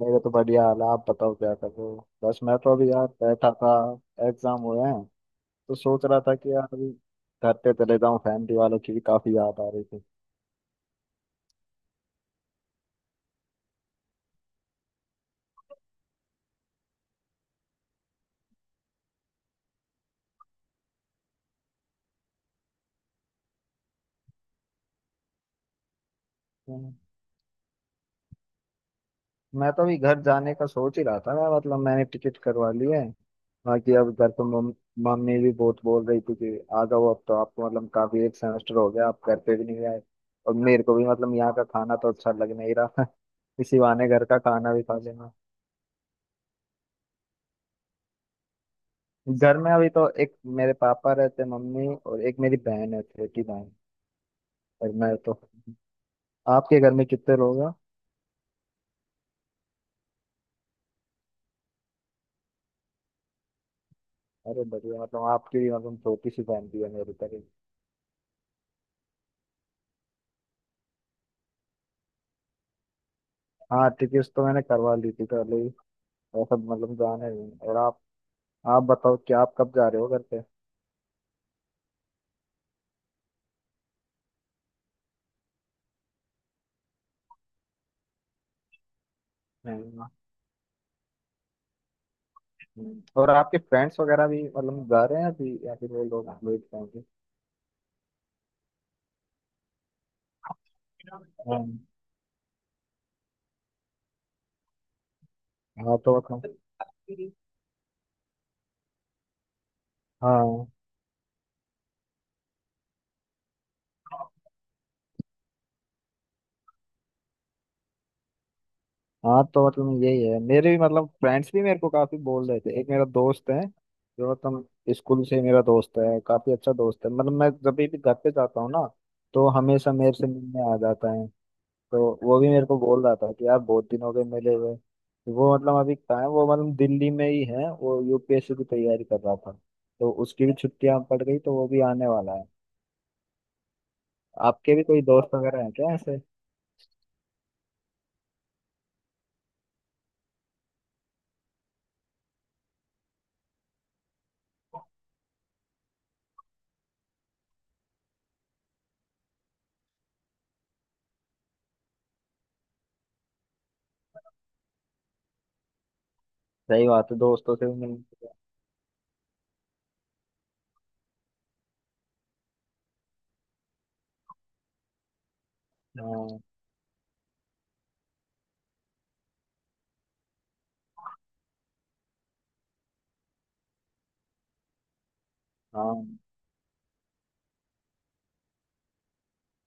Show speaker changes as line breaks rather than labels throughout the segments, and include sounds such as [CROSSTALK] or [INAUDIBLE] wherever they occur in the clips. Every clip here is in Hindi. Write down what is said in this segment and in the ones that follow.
मेरे तो बढ़िया हाल है। आप बताओ क्या कर रहे हो। बस मैं तो अभी यार बैठा था, एग्जाम हुए हैं तो सोच रहा था कि यार अभी घर पे चले जाऊं। फैमिली वालों की भी काफी याद आ रही थी। हम्म। मैं तो अभी घर जाने का सोच ही रहा था। मैं मतलब मैंने टिकट करवा ली है। बाकी अब घर पे मम्मी भी बहुत बोल रही थी कि आ जाओ, अब तो आपको मतलब काफी एक सेमेस्टर हो गया, आप घर पे भी नहीं आए। और मेरे को भी मतलब यहाँ का खाना तो अच्छा लग नहीं रहा। [LAUGHS] इसी बहाने घर का खाना भी खा लेना। घर में अभी तो एक मेरे पापा रहते हैं, मम्मी, और एक मेरी बहन है, छोटी बहन। और मैं तो आपके घर में कितने लोग हैं? अरे बढ़िया, मतलब आपकी भी मतलब छोटी सी फैमिली है, मेरी तरह। हाँ, टिकट्स तो मैंने करवा ली थी पहले ही। ऐसा मतलब जाने नहीं। और आप बताओ कि आप कब जा रहे हो घर पे? नहीं, नहीं। और आपके फ्रेंड्स वगैरह भी मतलब जा रहे हैं अभी, या फिर वो लोग वेट करेंगे? हाँ हाँ तो बताओ। हाँ। हाँ तो मतलब यही है, मेरे भी मतलब फ्रेंड्स भी मेरे को काफी बोल रहे थे। एक मेरा दोस्त है जो मतलब स्कूल से मेरा दोस्त है, काफी अच्छा दोस्त है। मतलब मैं जब भी घर पे जाता हूँ ना, तो हमेशा मेरे से मिलने आ जाता है। तो वो भी मेरे को बोल रहा था कि यार बहुत दिन हो गए मिले हुए। वो मतलब अभी कहाँ है, वो मतलब दिल्ली में ही है। वो यूपीएससी की तैयारी कर रहा था, तो उसकी भी छुट्टियां पड़ गई, तो वो भी आने वाला है। आपके भी कोई दोस्त वगैरह है क्या ऐसे? सही बात है, दोस्तों से भी मिलने। हाँ हाँ।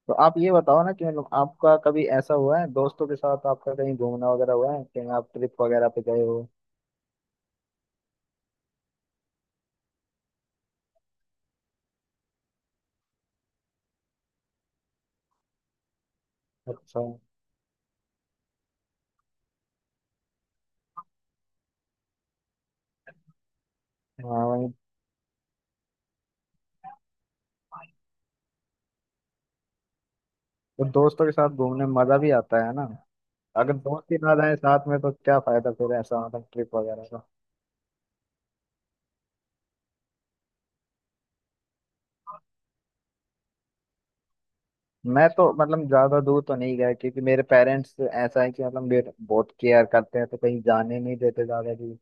तो आप ये बताओ ना कि मतलब आपका कभी ऐसा हुआ है दोस्तों के साथ, आपका कहीं घूमना वगैरह हुआ है? कहीं आप ट्रिप वगैरह पे गए हो? अच्छा। हाँ वही। तो दोस्तों के साथ घूमने में मजा भी आता है ना? अगर दोस्त ही ना रहे साथ में तो क्या फायदा फिर ऐसा मतलब ट्रिप वगैरह का। मैं तो मतलब ज्यादा दूर तो नहीं गया, क्योंकि मेरे पेरेंट्स ऐसा है कि मतलब मेरे बहुत केयर करते हैं, तो कहीं जाने नहीं देते ज्यादा दूर।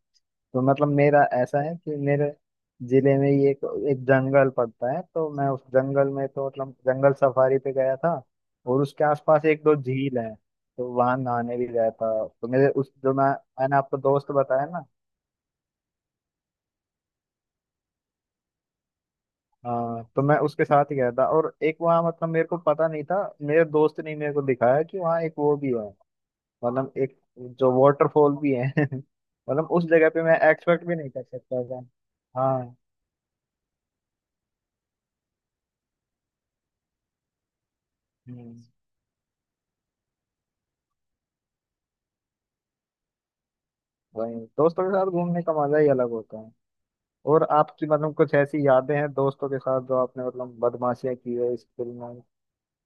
तो मतलब मेरा ऐसा है कि मेरे जिले में ही एक एक जंगल पड़ता है। तो मैं उस जंगल में तो मतलब जंगल सफारी पे गया था, और उसके आसपास एक दो झील है। तो वहां नहाने भी गया था। तो मेरे उस जो मैंने आपको दोस्त बताया ना, हाँ, तो मैं उसके साथ ही गया था। और एक वहाँ मतलब मेरे को पता नहीं था, मेरे दोस्त ने मेरे को दिखाया कि वहाँ एक वो भी है, मतलब एक जो वाटरफॉल भी है। [LAUGHS] मतलब उस जगह पे मैं एक्सपेक्ट भी नहीं कर सकता था। हाँ। हम्म। वही दोस्तों के साथ घूमने का मजा ही अलग होता है। और आपकी मतलब कुछ ऐसी यादें हैं दोस्तों के साथ, जो आपने मतलब बदमाशियां की है स्कूल में,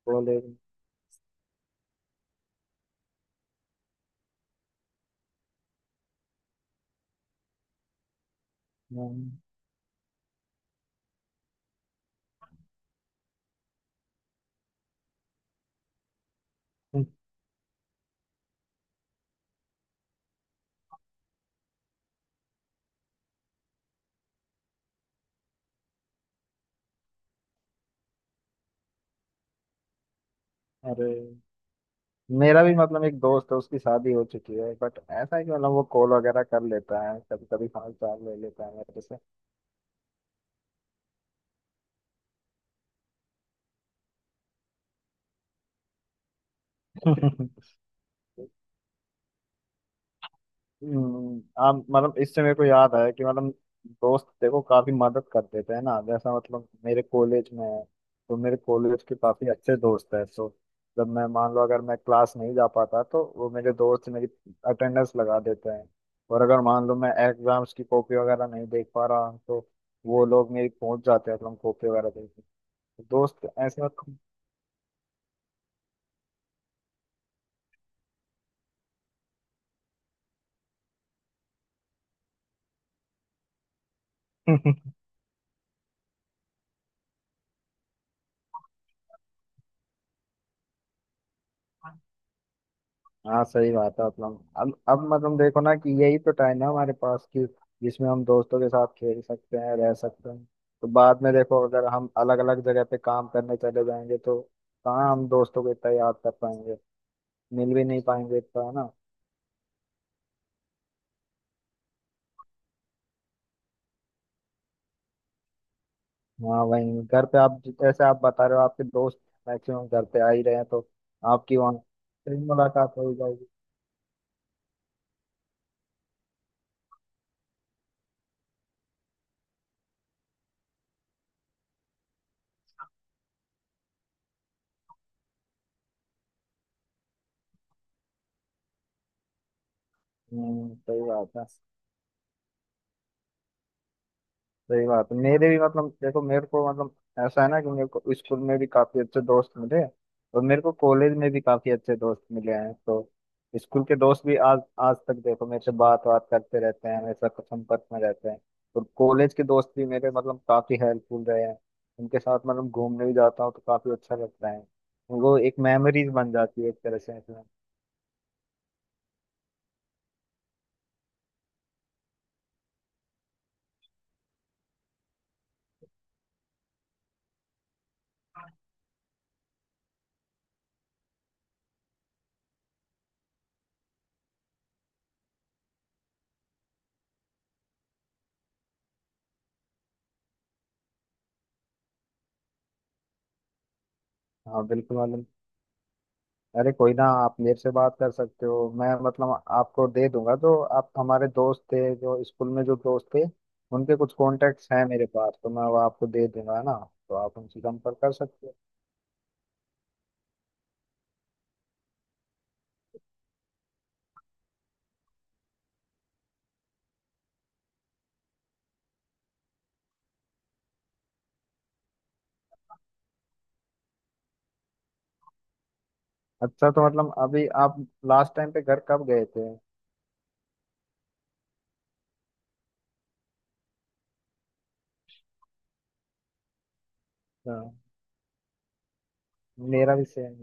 कॉलेज में? अरे मेरा भी मतलब एक दोस्त है, उसकी शादी हो चुकी है, बट ऐसा है कि मतलब वो कॉल वगैरह कर लेता है, कभी कभी हाल चाल ले लेता है मेरे से। [LAUGHS] हाँ, मतलब इससे मेरे को याद आया कि मतलब दोस्त देखो काफी मदद कर देते हैं ना, जैसा मतलब मेरे कॉलेज में है, तो मेरे कॉलेज के काफी अच्छे दोस्त हैं, तो जब मैं मान लो अगर मैं क्लास नहीं जा पाता, तो वो मेरे दोस्त मेरी अटेंडेंस लगा देते हैं। और अगर मान लो मैं एग्जाम्स की कॉपी वगैरह नहीं देख पा रहा, तो वो लोग मेरी पहुंच जाते हैं, मतलब कॉपी वगैरह देखने। दोस्त ऐसे मतलब। हाँ सही बात है, मतलब अब मतलब देखो ना कि यही तो टाइम है हमारे पास, कि जिसमें हम दोस्तों के साथ खेल सकते हैं, रह सकते हैं। तो बाद में देखो, अगर हम अलग अलग जगह पे काम करने चले जाएंगे, तो कहाँ हम दोस्तों को इतना याद कर पाएंगे? मिल भी नहीं पाएंगे इतना, है ना? हाँ वहीं, घर पे आप जैसे आप बता रहे हो आपके दोस्त मैक्सिमम घर पे आ ही रहे हैं, तो आपकी वहाँ फिर मुलाकात हो ही जाएगी। सही बात है। सही बात है। मेरे भी मतलब देखो, मेरे को मतलब ऐसा है ना कि मेरे को स्कूल में भी काफी अच्छे दोस्त मिले, और मेरे को कॉलेज में भी काफी अच्छे दोस्त मिले हैं। तो स्कूल के दोस्त भी आज आज तक देखो मेरे से बात बात करते रहते हैं, हमेशा संपर्क में रहते हैं। और कॉलेज के दोस्त भी मेरे मतलब काफी हेल्पफुल रहे हैं, उनके साथ मतलब घूमने भी जाता हूँ तो काफी अच्छा लगता है। वो एक मेमोरीज बन जाती है एक तरह से मतलब। हाँ बिल्कुल मतलब। अरे कोई ना, आप मेरे से बात कर सकते हो, मैं मतलब आपको दे दूंगा, जो आप हमारे दोस्त थे, जो स्कूल में जो दोस्त थे, उनके कुछ कॉन्टेक्ट्स हैं मेरे पास, तो मैं वो आपको दे दूंगा, है ना। तो आप उनसे संपर्क कर सकते हो। अच्छा, तो मतलब अभी आप लास्ट टाइम पे घर कब गए थे? हाँ, मेरा भी सेम।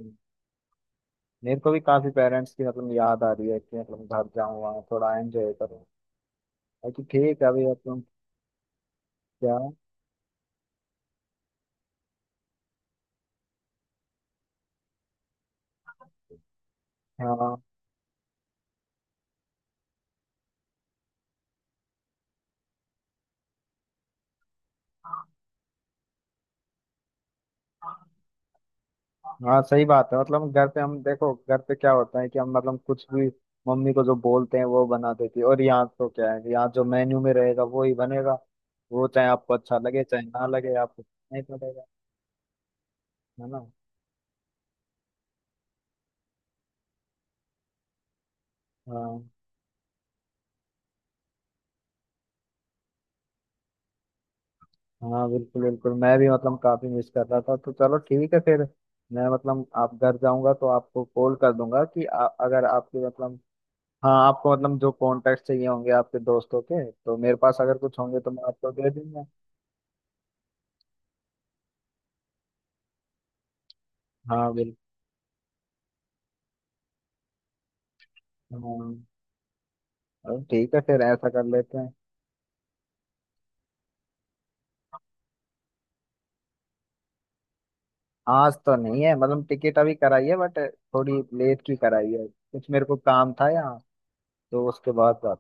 मेरे को भी काफी पेरेंट्स की मतलब याद आ रही है कि मतलब घर जाऊँ वहाँ थोड़ा एंजॉय करूँ। बाकी ठीक है अभी मतलब। क्या? हाँ हाँ सही बात है, मतलब घर पे हम देखो, घर पे क्या होता है कि हम मतलब कुछ भी मम्मी को जो बोलते हैं वो बना देती है। और यहाँ तो क्या है कि यहाँ जो मेन्यू में रहेगा वो ही बनेगा, वो चाहे आपको अच्छा लगे चाहे ना लगे, आपको नहीं पड़ेगा, है ना। हाँ हाँ, बिल्कुल बिल्कुल। मैं भी मतलब काफी मिस कर रहा था, तो चलो ठीक है फिर। मैं मतलब आप घर जाऊंगा तो आपको कॉल कर दूंगा कि अगर आपके मतलब, हाँ, आपको मतलब जो कॉन्टेक्ट चाहिए होंगे आपके दोस्तों के, तो मेरे पास अगर कुछ होंगे तो मैं आपको दे दूंगा। हाँ बिल्कुल। हाँ। चलो ठीक है फिर, ऐसा कर लेते हैं। आज तो नहीं है मतलब, टिकट अभी कराई है बट थोड़ी लेट की कराई है, कुछ मेरे को काम था यहाँ, तो उसके बाद बात।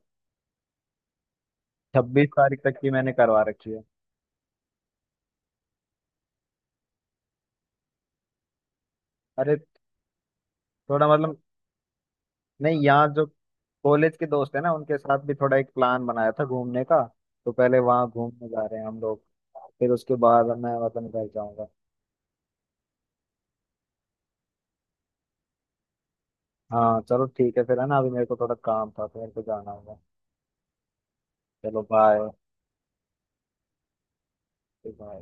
26 तारीख तक की मैंने करवा रखी है। अरे थोड़ा मतलब नहीं, यहाँ जो कॉलेज के दोस्त है ना, उनके साथ भी थोड़ा एक प्लान बनाया था घूमने का, तो पहले वहाँ घूमने जा रहे हैं हम लोग। फिर उसके बाद मैं वतन घर जाऊंगा। हाँ चलो ठीक है फिर, है ना। अभी मेरे को थोड़ा काम था, तो मेरे को जाना होगा। चलो बाय।